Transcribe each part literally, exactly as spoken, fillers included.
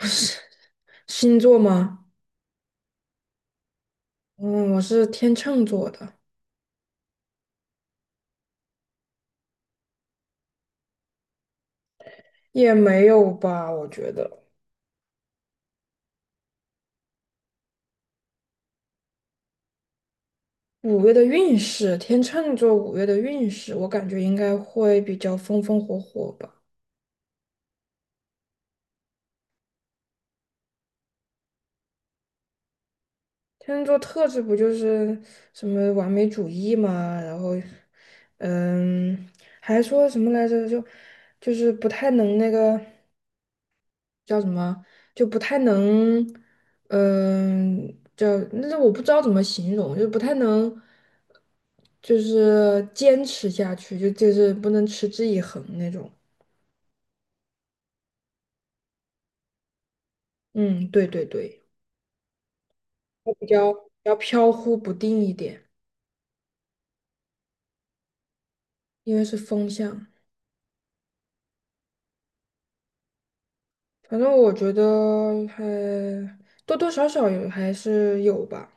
是星座吗？嗯，我是天秤座的。也没有吧，我觉得五月的运势，天秤座五月的运势，我感觉应该会比较风风火火吧。天秤座特质不就是什么完美主义嘛。然后，嗯，还说什么来着？就就是不太能那个叫什么，就不太能，嗯，叫那是我不知道怎么形容，就不太能。就是坚持下去，就就是不能持之以恒那种。嗯，对对对，比较比较飘忽不定一点，因为是风向。反正我觉得还多多少少有还是有吧，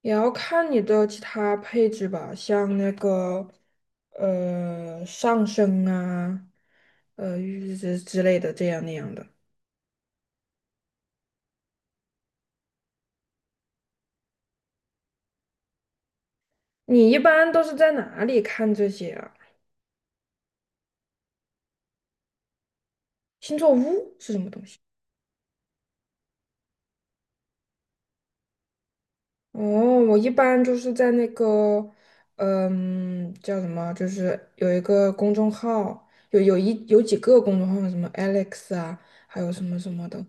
也要看你的其他配置吧，像那个呃上升啊，呃之之类的这样那样的。你一般都是在哪里看这些啊？星座屋是什么东西？哦，我一般就是在那个，嗯，叫什么，就是有一个公众号，有有一有几个公众号，什么 Alex 啊，还有什么什么的。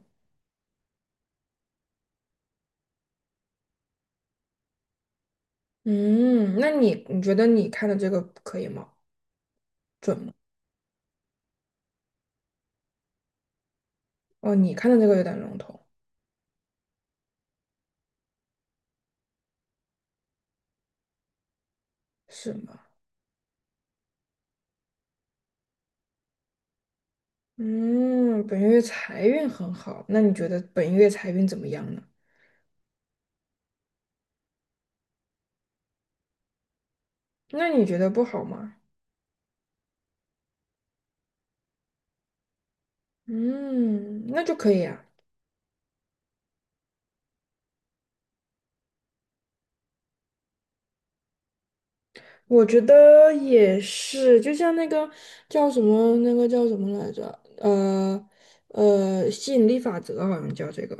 嗯，那你你觉得你看的这个可以吗？准吗？哦，你看的这个有点笼统，是吗？嗯，本月财运很好，那你觉得本月财运怎么样呢？那你觉得不好吗？嗯，那就可以啊。我觉得也是，就像那个叫什么，那个叫什么来着？呃呃，吸引力法则好像叫这个。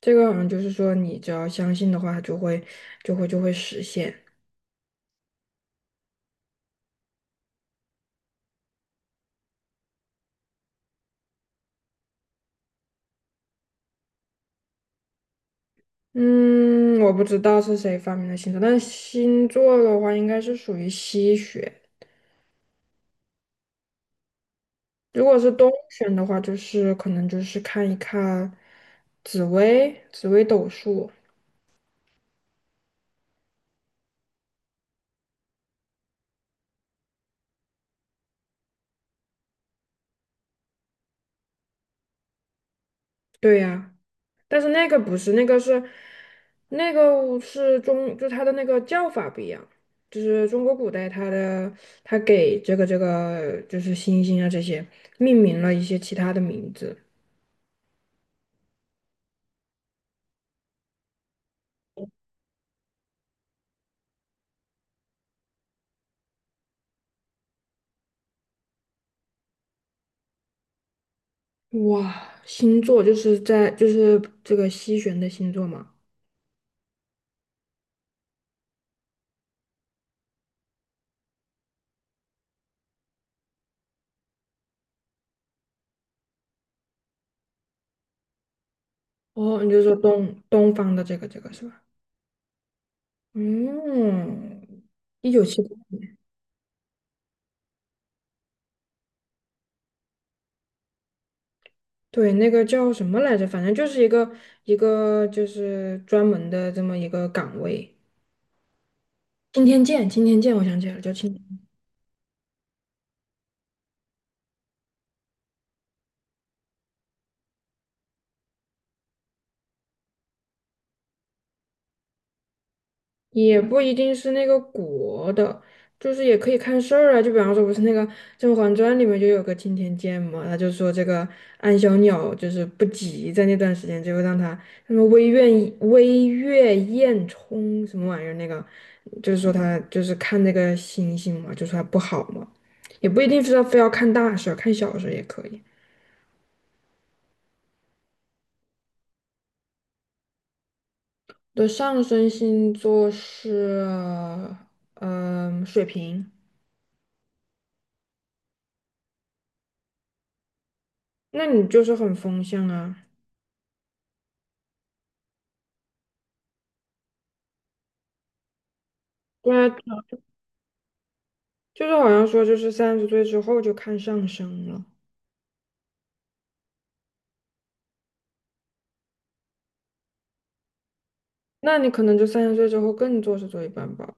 这个好像就是说，你只要相信的话，它就会就会就会实现。嗯，我不知道是谁发明的星座，但是星座的话应该是属于西学。如果是东玄的话，就是可能就是看一看紫薇紫薇斗数。对呀。但是那个不是，那个是那个是中，就它的那个叫法不一样，就是中国古代它的它给这个这个就是星星啊这些命名了一些其他的名字。哇，星座就是在就是这个西玄的星座嘛。哦，你就说东东方的这个这个是吧？嗯，一九七八。对，那个叫什么来着？反正就是一个一个就是专门的这么一个岗位。青天剑，青天剑，我想起来了，叫青天。也不一定是那个国的，就是也可以看事儿啊。就比方说，不是那个《甄嬛传》里面就有个青天剑嘛，他就说这个安小鸟就是不吉，在那段时间就让他什么微月微月宴冲什么玩意儿那个，就是说他就是看那个星星嘛，就说他不好嘛。也不一定是要非要看大事儿，看小事儿也可以。我的上升星座是嗯、水瓶。那你就是很风向啊。对啊，就是好像说就是三十岁之后就看上升了。那你可能就三十岁之后更做事做一半吧。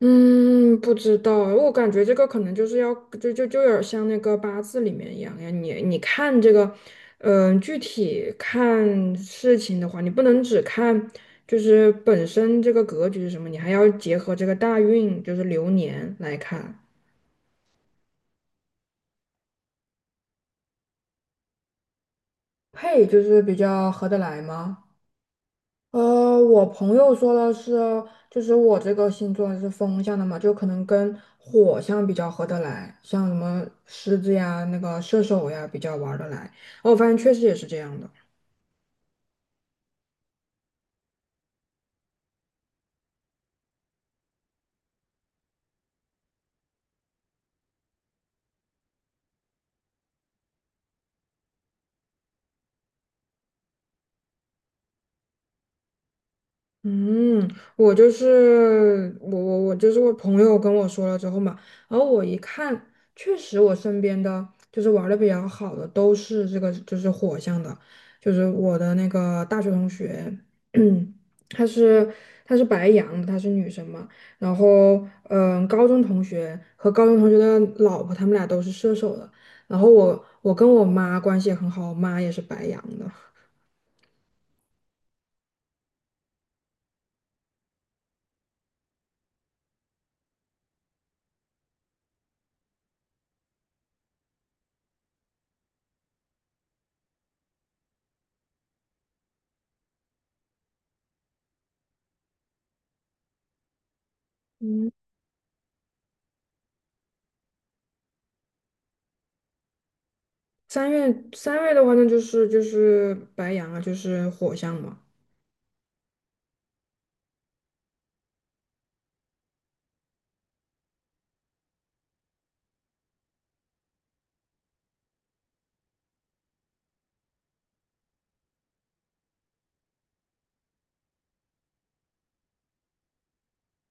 嗯，不知道，我感觉这个可能就是要就就就有点像那个八字里面一样呀。你你看这个，嗯、具体看事情的话，你不能只看就是本身这个格局是什么，你还要结合这个大运，就是流年来看。配就是比较合得来吗？呃，我朋友说的是，就是我这个星座是风象的嘛，就可能跟火象比较合得来，像什么狮子呀、那个射手呀比较玩儿得来。哦我发现确实也是这样的。嗯，我就是我我我就是我朋友跟我说了之后嘛，然后我一看，确实我身边的就是玩的比较好的都是这个就是火象的，就是我的那个大学同学，她是她是白羊的，她是女生嘛。然后嗯，高中同学和高中同学的老婆，他们俩都是射手的。然后我我跟我妈关系也很好，我妈也是白羊的。三月三月的话，那就是就是白羊啊，就是火象嘛。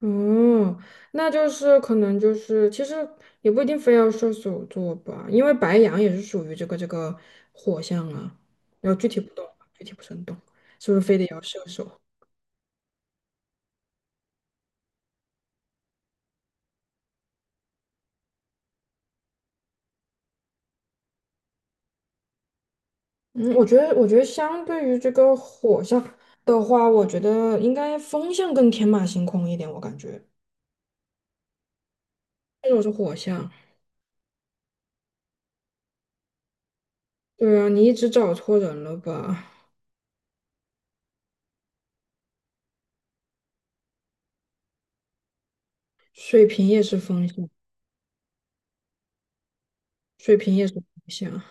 哦，那就是可能就是其实也不一定非要射手座吧，因为白羊也是属于这个这个火象啊。然后具体不懂啊，具体不是很懂，是不是非得要射手？嗯，我觉得我觉得相对于这个火象的话，我觉得应该风象更天马行空一点，我感觉。但是我是火象。对啊，你一直找错人了吧？水瓶也是风象。水瓶也是土象。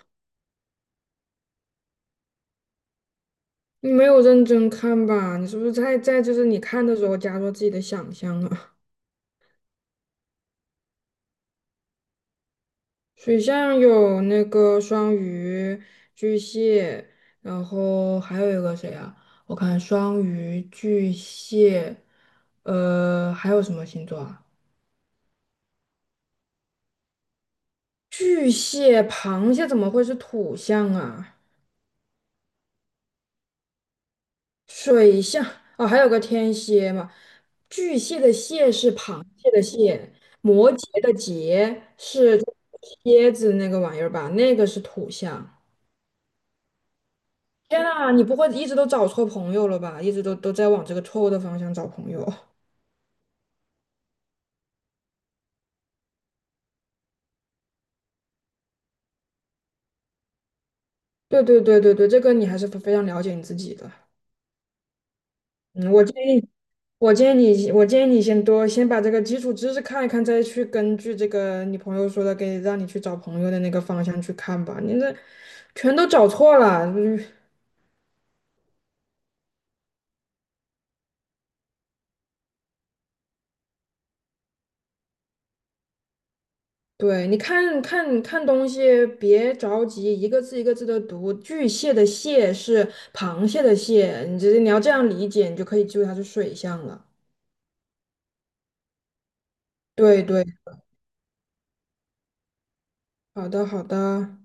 你没有认真看吧？你是不是在在就是你看的时候加入自己的想象啊？水象有那个双鱼、巨蟹，然后还有一个谁啊？我看双鱼、巨蟹，呃，还有什么星座啊？巨蟹、螃蟹怎么会是土象啊？水象哦，还有个天蝎嘛。巨蟹的蟹是螃蟹的蟹，摩羯的羯是蝎子那个玩意儿吧？那个是土象。天呐，你不会一直都找错朋友了吧？一直都都在往这个错误的方向找朋友。对对对对对，这个你还是非非常了解你自己的。嗯，我建议我建议你，我建议你先多先把这个基础知识看一看，再去根据这个你朋友说的给让你去找朋友的那个方向去看吧。你这全都找错了，嗯对，你看看看东西，别着急，一个字一个字的读。巨蟹的蟹是螃蟹的蟹，你这你要这样理解，你就可以记住它是水象了。对对，好的好的。